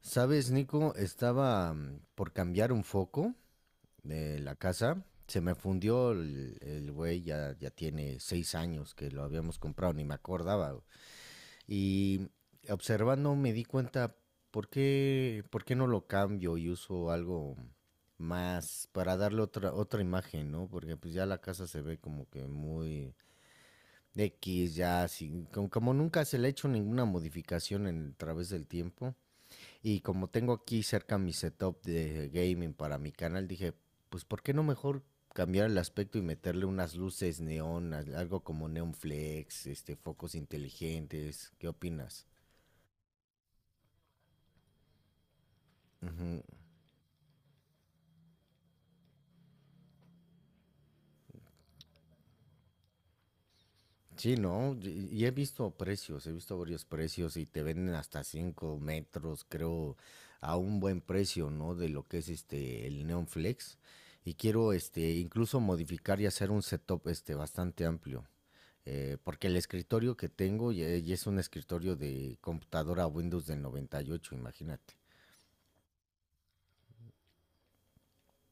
Sabes, Nico, estaba por cambiar un foco de la casa. Se me fundió el güey, ya tiene 6 años que lo habíamos comprado, ni me acordaba. Güey. Y observando me di cuenta, ¿por qué no lo cambio y uso algo más para darle otra imagen, ¿no? Porque pues ya la casa se ve como que muy X, ya, sin, como, como nunca se le ha hecho ninguna modificación en, a través del tiempo. Y como tengo aquí cerca mi setup de gaming para mi canal, dije, pues ¿por qué no mejor cambiar el aspecto y meterle unas luces neón, algo como neon flex, este, focos inteligentes? ¿Qué opinas? Ujú. Sí, no, y he visto precios, he visto varios precios y te venden hasta 5 metros, creo, a un buen precio, ¿no? De lo que es este el Neon Flex. Y quiero este incluso modificar y hacer un setup este bastante amplio. Porque el escritorio que tengo ya, ya es un escritorio de computadora Windows del 98, imagínate.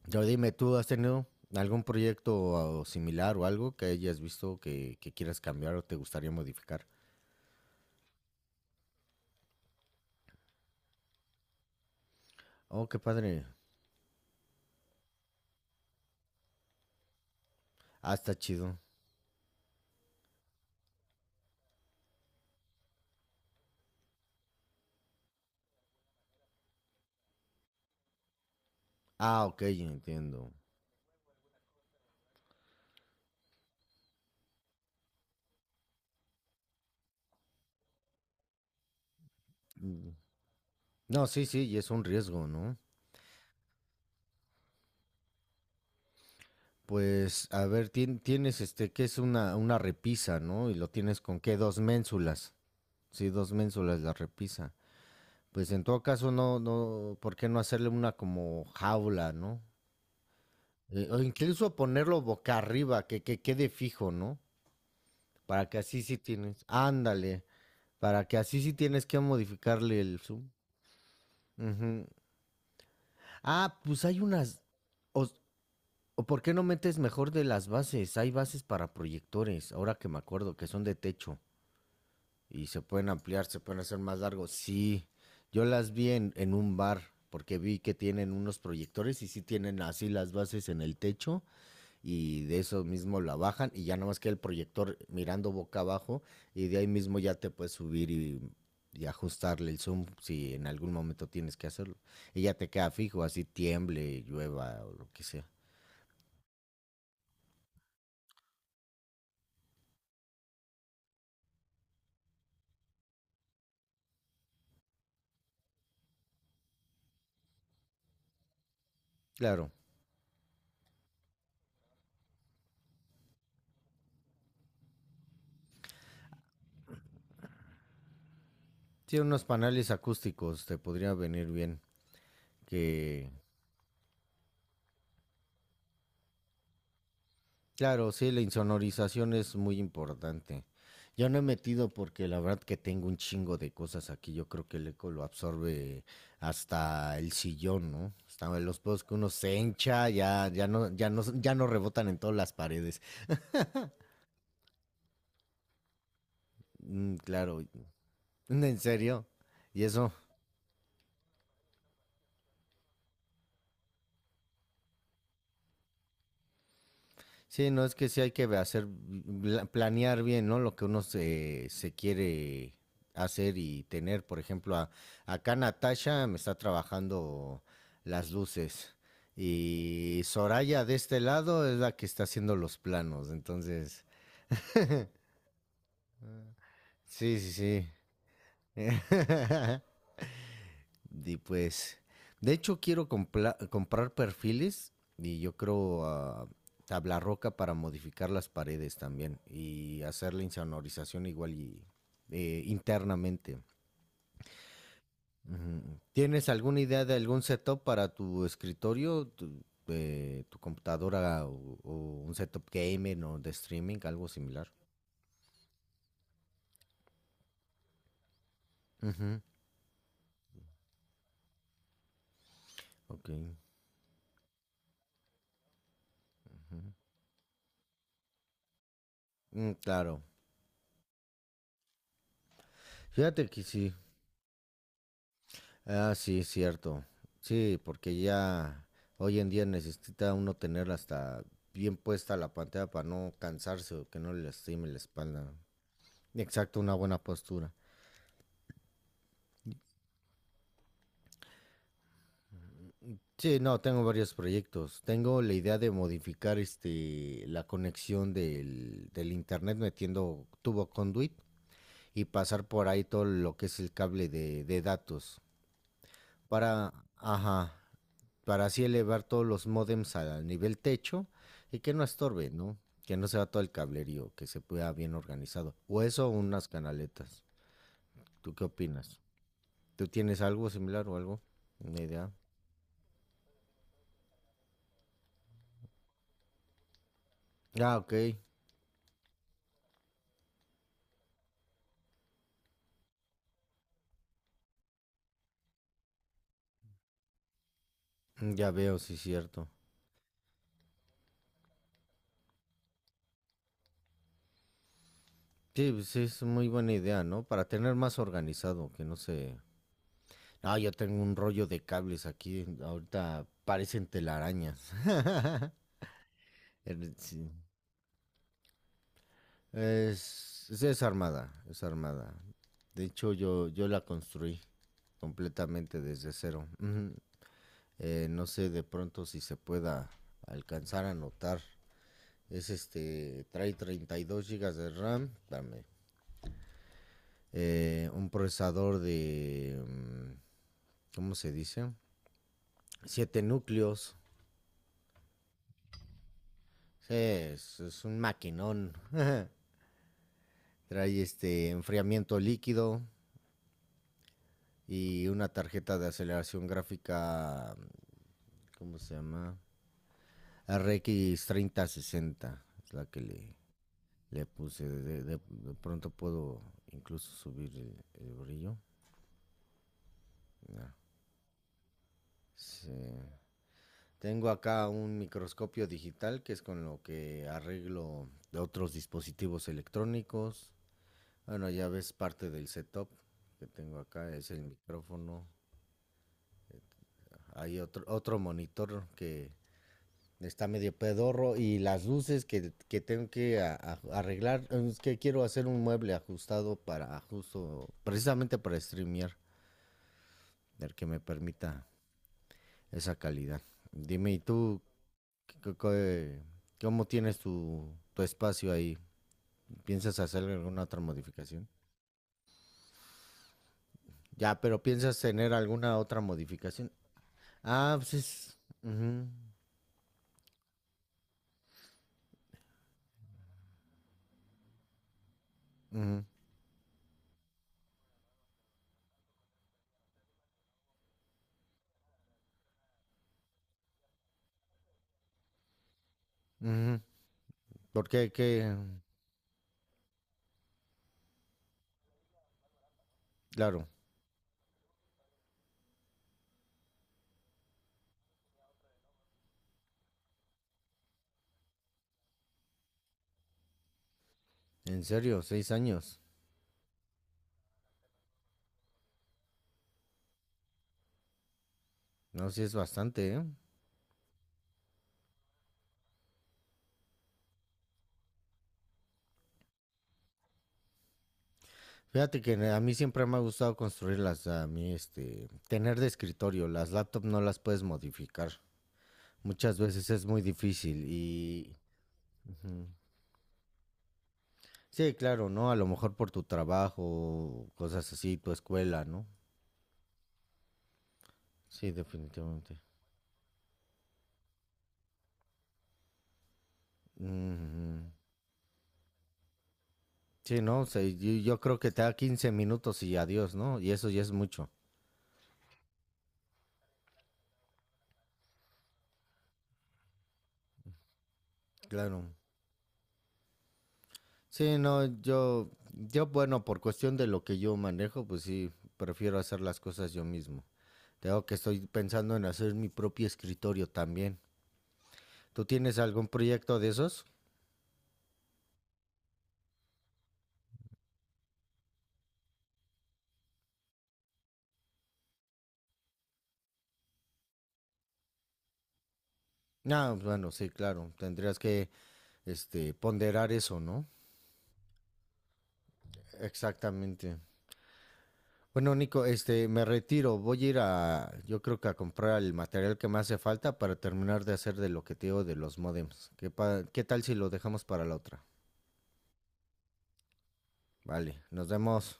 Yo dime, ¿tú has tenido algún proyecto similar o algo que hayas visto que quieras cambiar o te gustaría modificar? Oh, qué padre. Ah, está chido. Ah, ok, entiendo. Mm. No, sí, sí, y es un riesgo, ¿no? Pues, a ver, tienes este, que es una repisa, ¿no? Y lo tienes con qué, dos ménsulas. Sí, dos ménsulas la repisa. Pues en todo caso, no, no, ¿por qué no hacerle una como jaula, no? O incluso ponerlo boca arriba, que quede fijo, ¿no? Para que así sí tienes, ándale, para que así sí tienes que modificarle el zoom. Ujú. Ah, pues hay unas, o, o ¿por qué no metes mejor de las bases? Hay bases para proyectores, ahora que me acuerdo, que son de techo. Y se pueden ampliar, se pueden hacer más largos. Sí, yo las vi en un bar porque vi que tienen unos proyectores y sí tienen así las bases en el techo y de eso mismo la bajan y ya nada más que el proyector mirando boca abajo y de ahí mismo ya te puedes subir y ajustarle el zoom si en algún momento tienes que hacerlo. Y ya te queda fijo, así tiemble, llueva o lo que sea. Claro, tiene unos paneles acústicos, te podría venir bien que. Claro, sí, la insonorización es muy importante. Yo no he metido porque la verdad que tengo un chingo de cosas aquí. Yo creo que el eco lo absorbe hasta el sillón, ¿no? Hasta los pedos que uno se hincha, ya, ya no, ya no, ya no rebotan en todas las paredes. Mm, claro, en serio. Y eso, sí, no, es que sí hay que hacer, planear bien, ¿no? Lo que uno se, se quiere hacer y tener. Por ejemplo, acá Natasha me está trabajando las luces y Soraya de este lado es la que está haciendo los planos. Entonces, sí, sí, sí. Y pues, de hecho quiero comprar perfiles y yo creo tabla roca para modificar las paredes también y hacer la insonorización igual y internamente. Ujú. ¿Tienes alguna idea de algún setup para tu escritorio, tu, tu computadora o un setup gamer o de streaming, algo similar? Ujú, ok. Mm, claro. Fíjate que sí. Ah, sí, cierto. Sí, porque ya hoy en día necesita uno tener hasta bien puesta la pantalla para no cansarse o que no le lastime la espalda. Exacto, una buena postura. Sí, no, tengo varios proyectos. Tengo la idea de modificar este la conexión del internet metiendo tubo conduit y pasar por ahí todo lo que es el cable de datos. Para, ajá, para así elevar todos los módems al nivel techo y que no estorbe, ¿no? Que no se va todo el cablerío, que se pueda bien organizado. O eso, unas canaletas. ¿Tú qué opinas? ¿Tú tienes algo similar o algo? Una idea. Ah, ok. Ya veo, sí, cierto. Sí, pues sí, es muy buena idea, ¿no? Para tener más organizado, que no se... Ah, yo tengo un rollo de cables aquí. Ahorita parecen telarañas. Sí. Es armada, es armada. De hecho, yo la construí completamente desde cero. Ujú. No sé de pronto si se pueda alcanzar a notar. Es este, trae 32 gigas de RAM, dame. Un procesador de, ¿cómo se dice? 7 núcleos. Sí, es un maquinón. Trae este enfriamiento líquido y una tarjeta de aceleración gráfica. ¿Cómo se llama? RX 3060 es la que le puse. De, de pronto puedo incluso subir el brillo. Ya, sí. Tengo acá un microscopio digital que es con lo que arreglo de otros dispositivos electrónicos. Bueno, ya ves parte del setup que tengo acá, es el micrófono. Hay otro, otro monitor que está medio pedorro y las luces que tengo que arreglar, es que quiero hacer un mueble ajustado para justo, precisamente para streamear, el que me permita esa calidad. Dime, ¿y tú qué- qué- cómo tienes tu, tu espacio ahí? ¿Piensas hacer alguna otra modificación? Ya, pero ¿piensas tener alguna otra modificación? Ah, pues es... ujú, ujú, ujú. ¿Por qué? ¿Qué? Claro, en serio, 6 años. No, sí es bastante, ¿eh? Fíjate que a mí siempre me ha gustado construirlas, a mí este, tener de escritorio, las laptops no las puedes modificar, muchas veces es muy difícil y... Ujú. Sí, claro, ¿no? A lo mejor por tu trabajo, cosas así, tu escuela, ¿no? Sí, definitivamente. Ujú. Sí, no, sí, yo creo que te da 15 minutos y adiós, ¿no? Y eso ya es mucho. Claro. Sí, no, bueno, por cuestión de lo que yo manejo, pues sí, prefiero hacer las cosas yo mismo. Tengo que estoy pensando en hacer mi propio escritorio también. ¿Tú tienes algún proyecto de esos? No, bueno, sí, claro. Tendrías que este, ponderar eso, ¿no? Exactamente. Bueno, Nico, este, me retiro. Voy a ir a, yo creo que a comprar el material que me hace falta para terminar de hacer de lo que te digo de los modems. ¿Qué tal si lo dejamos para la otra? Vale, nos vemos.